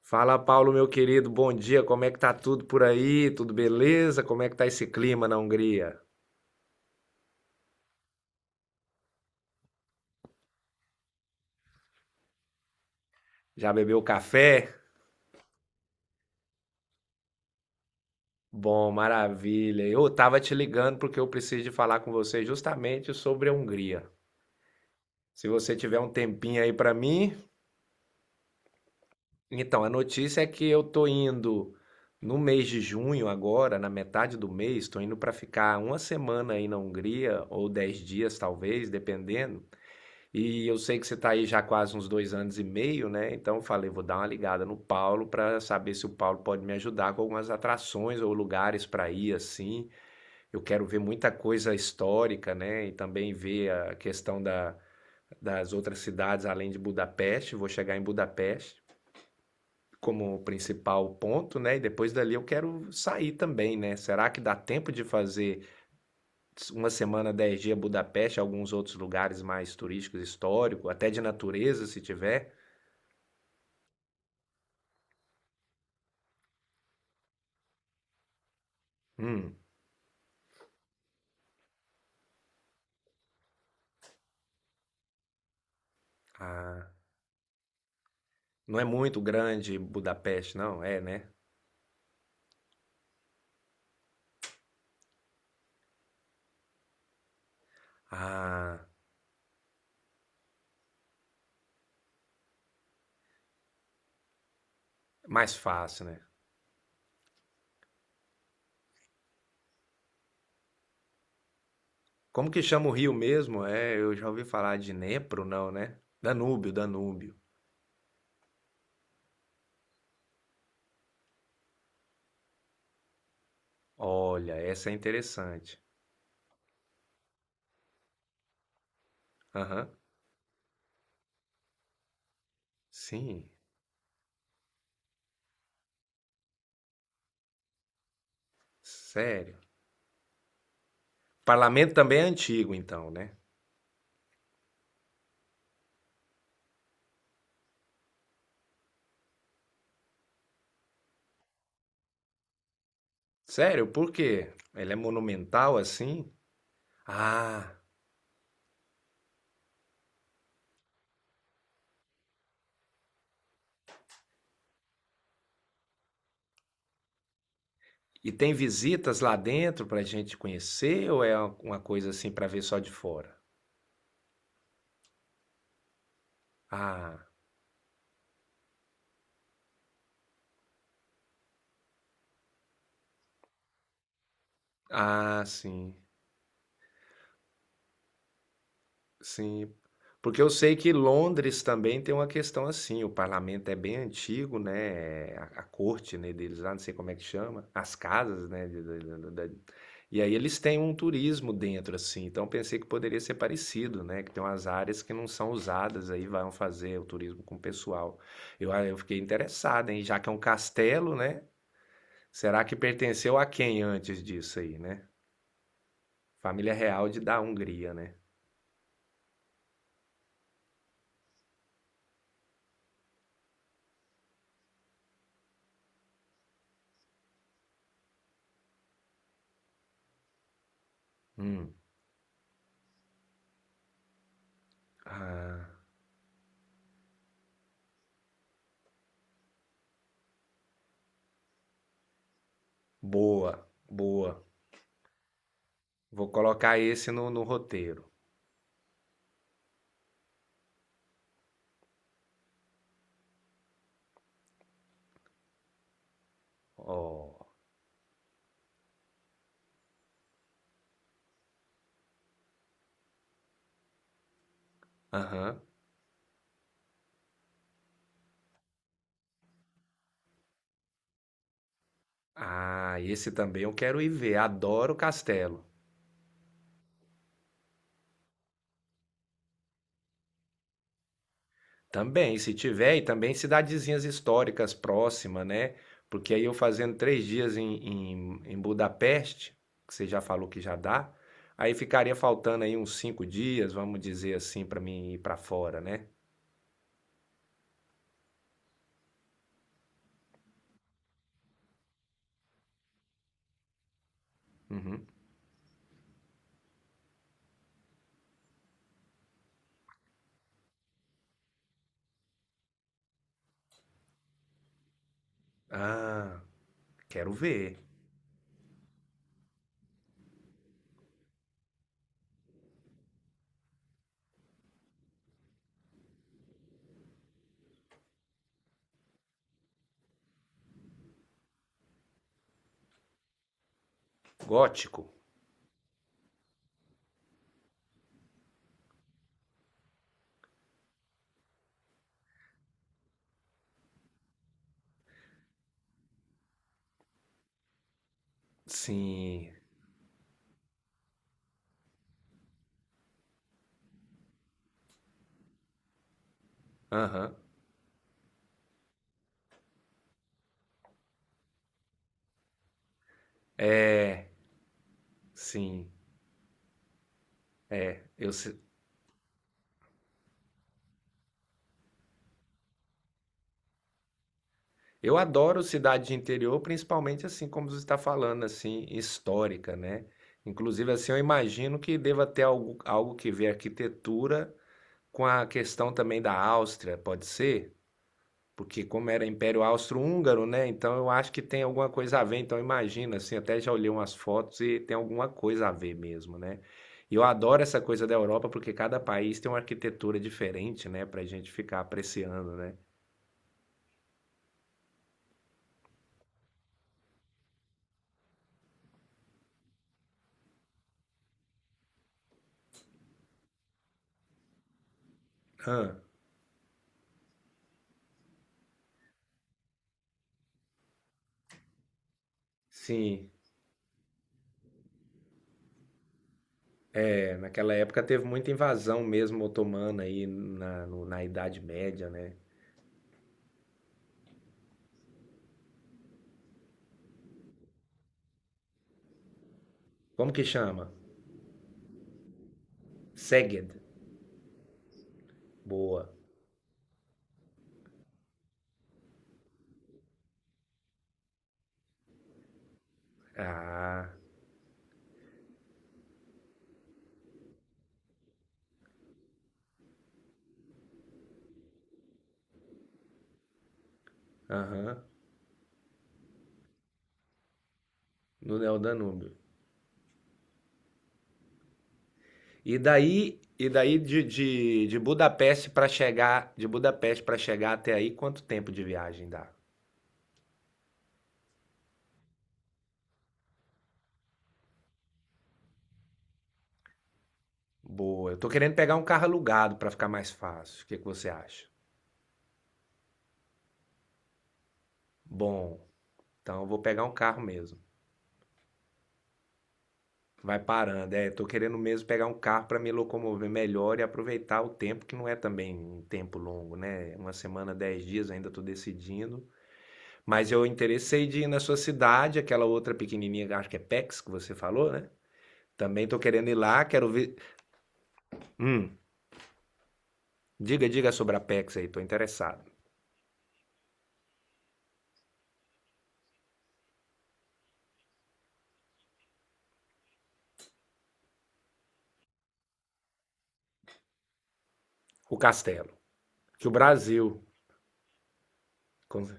Fala, Paulo, meu querido, bom dia. Como é que tá tudo por aí? Tudo beleza? Como é que tá esse clima na Hungria? Já bebeu café? Bom, maravilha. Eu tava te ligando porque eu preciso de falar com você justamente sobre a Hungria. Se você tiver um tempinho aí pra mim, então a notícia é que eu tô indo no mês de junho agora, na metade do mês, tô indo pra ficar uma semana aí na Hungria ou dez dias talvez, dependendo. E eu sei que você está aí já quase uns dois anos e meio, né? Então eu falei, vou dar uma ligada no Paulo para saber se o Paulo pode me ajudar com algumas atrações ou lugares para ir assim. Eu quero ver muita coisa histórica, né? E também ver a questão da, das outras cidades além de Budapeste. Vou chegar em Budapeste como principal ponto, né? E depois dali eu quero sair também, né? Será que dá tempo de fazer uma semana, dez dias Budapeste, alguns outros lugares mais turísticos, histórico, até de natureza, se tiver? Hum, ah, não é muito grande Budapeste, não? É, né? Ah, mais fácil, né? Como que chama o rio mesmo? É, eu já ouvi falar de Dnepro, não, né? Danúbio, Danúbio. Olha, essa é interessante. Aham, sim, sério. Parlamento também é antigo, então, né? Sério, por quê? Ele é monumental assim? Ah, e tem visitas lá dentro pra gente conhecer ou é uma coisa assim pra ver só de fora? Ah, ah, sim. Sim, porque eu sei que Londres também tem uma questão assim, o parlamento é bem antigo, né? A corte, né, deles lá, não sei como é que chama, as casas, né? E aí eles têm um turismo dentro, assim, então pensei que poderia ser parecido, né? Que tem umas áreas que não são usadas, aí vão fazer o turismo com o pessoal. Eu fiquei interessado, hein? Já que é um castelo, né? Será que pertenceu a quem antes disso aí, né? Família real de da Hungria, né? Hum. Ah. Boa, boa. Vou colocar esse no, no roteiro. Ó, aham. Ah, esse também eu quero ir ver. Adoro castelo. Também, se tiver, e também cidadezinhas históricas próximas, né? Porque aí eu fazendo três dias em Budapeste, que você já falou que já dá, aí ficaria faltando aí uns cinco dias, vamos dizer assim, para mim ir para fora, né? Uhum. Ah, quero ver. Gótico? Sim. Aham, sim. Eu, se- eu adoro cidade de interior, principalmente assim como você está falando, assim, histórica, né? Inclusive, assim, eu imagino que deva ter algo, algo que ver arquitetura com a questão também da Áustria, pode ser? Porque como era Império Austro-Húngaro, né? Então eu acho que tem alguma coisa a ver. Então imagina, assim, até já olhei umas fotos e tem alguma coisa a ver mesmo, né? E eu adoro essa coisa da Europa porque cada país tem uma arquitetura diferente, né? Pra gente ficar apreciando, né? Ah, sim. Naquela época teve muita invasão mesmo otomana aí na, na Idade Média, né? Como que chama? Seged. Boa. Ah, aham. No Neo Danúbio. E daí, e daí de Budapeste para chegar, de Budapeste para chegar até aí, quanto tempo de viagem dá? Boa. Eu tô querendo pegar um carro alugado para ficar mais fácil. O que que você acha? Bom, então eu vou pegar um carro mesmo. Vai parando, é. Tô querendo mesmo pegar um carro para me locomover melhor e aproveitar o tempo, que não é também um tempo longo, né? Uma semana, dez dias, ainda tô decidindo. Mas eu interessei de ir na sua cidade, aquela outra pequenininha, acho que é PEX que você falou, né? Também tô querendo ir lá, quero ver. Hum, diga, diga sobre a PEX aí, tô interessado. O Castelo. Que o Brasil. com-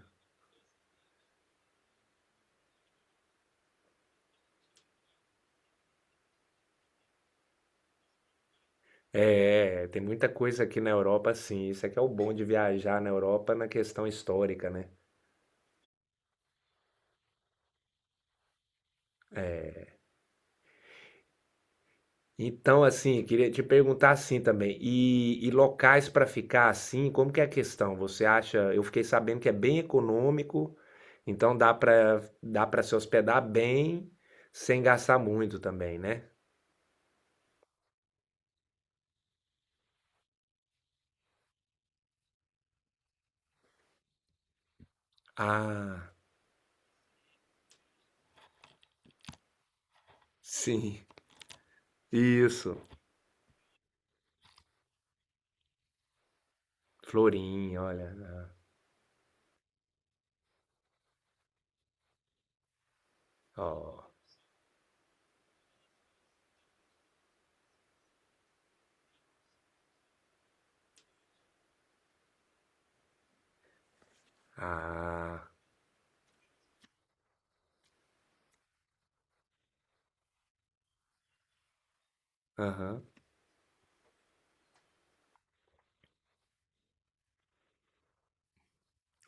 É, é, tem muita coisa aqui na Europa, sim. Isso é que é o bom de viajar na Europa na questão histórica, né? Então, assim, queria te perguntar assim também, e locais para ficar assim, como que é a questão? Você acha, eu fiquei sabendo que é bem econômico, então dá para se hospedar bem, sem gastar muito também, né? Ah, sim, isso. Florim, olha. Ó, ah, aham.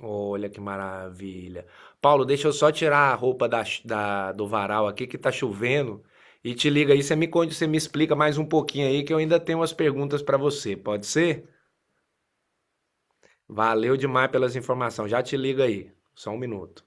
Olha que maravilha. Paulo, deixa eu só tirar a roupa da, do varal aqui que tá chovendo e te liga aí, você me conta, você me explica mais um pouquinho aí que eu ainda tenho umas perguntas para você, pode ser? Valeu demais pelas informações. Já te liga aí. Só um minuto.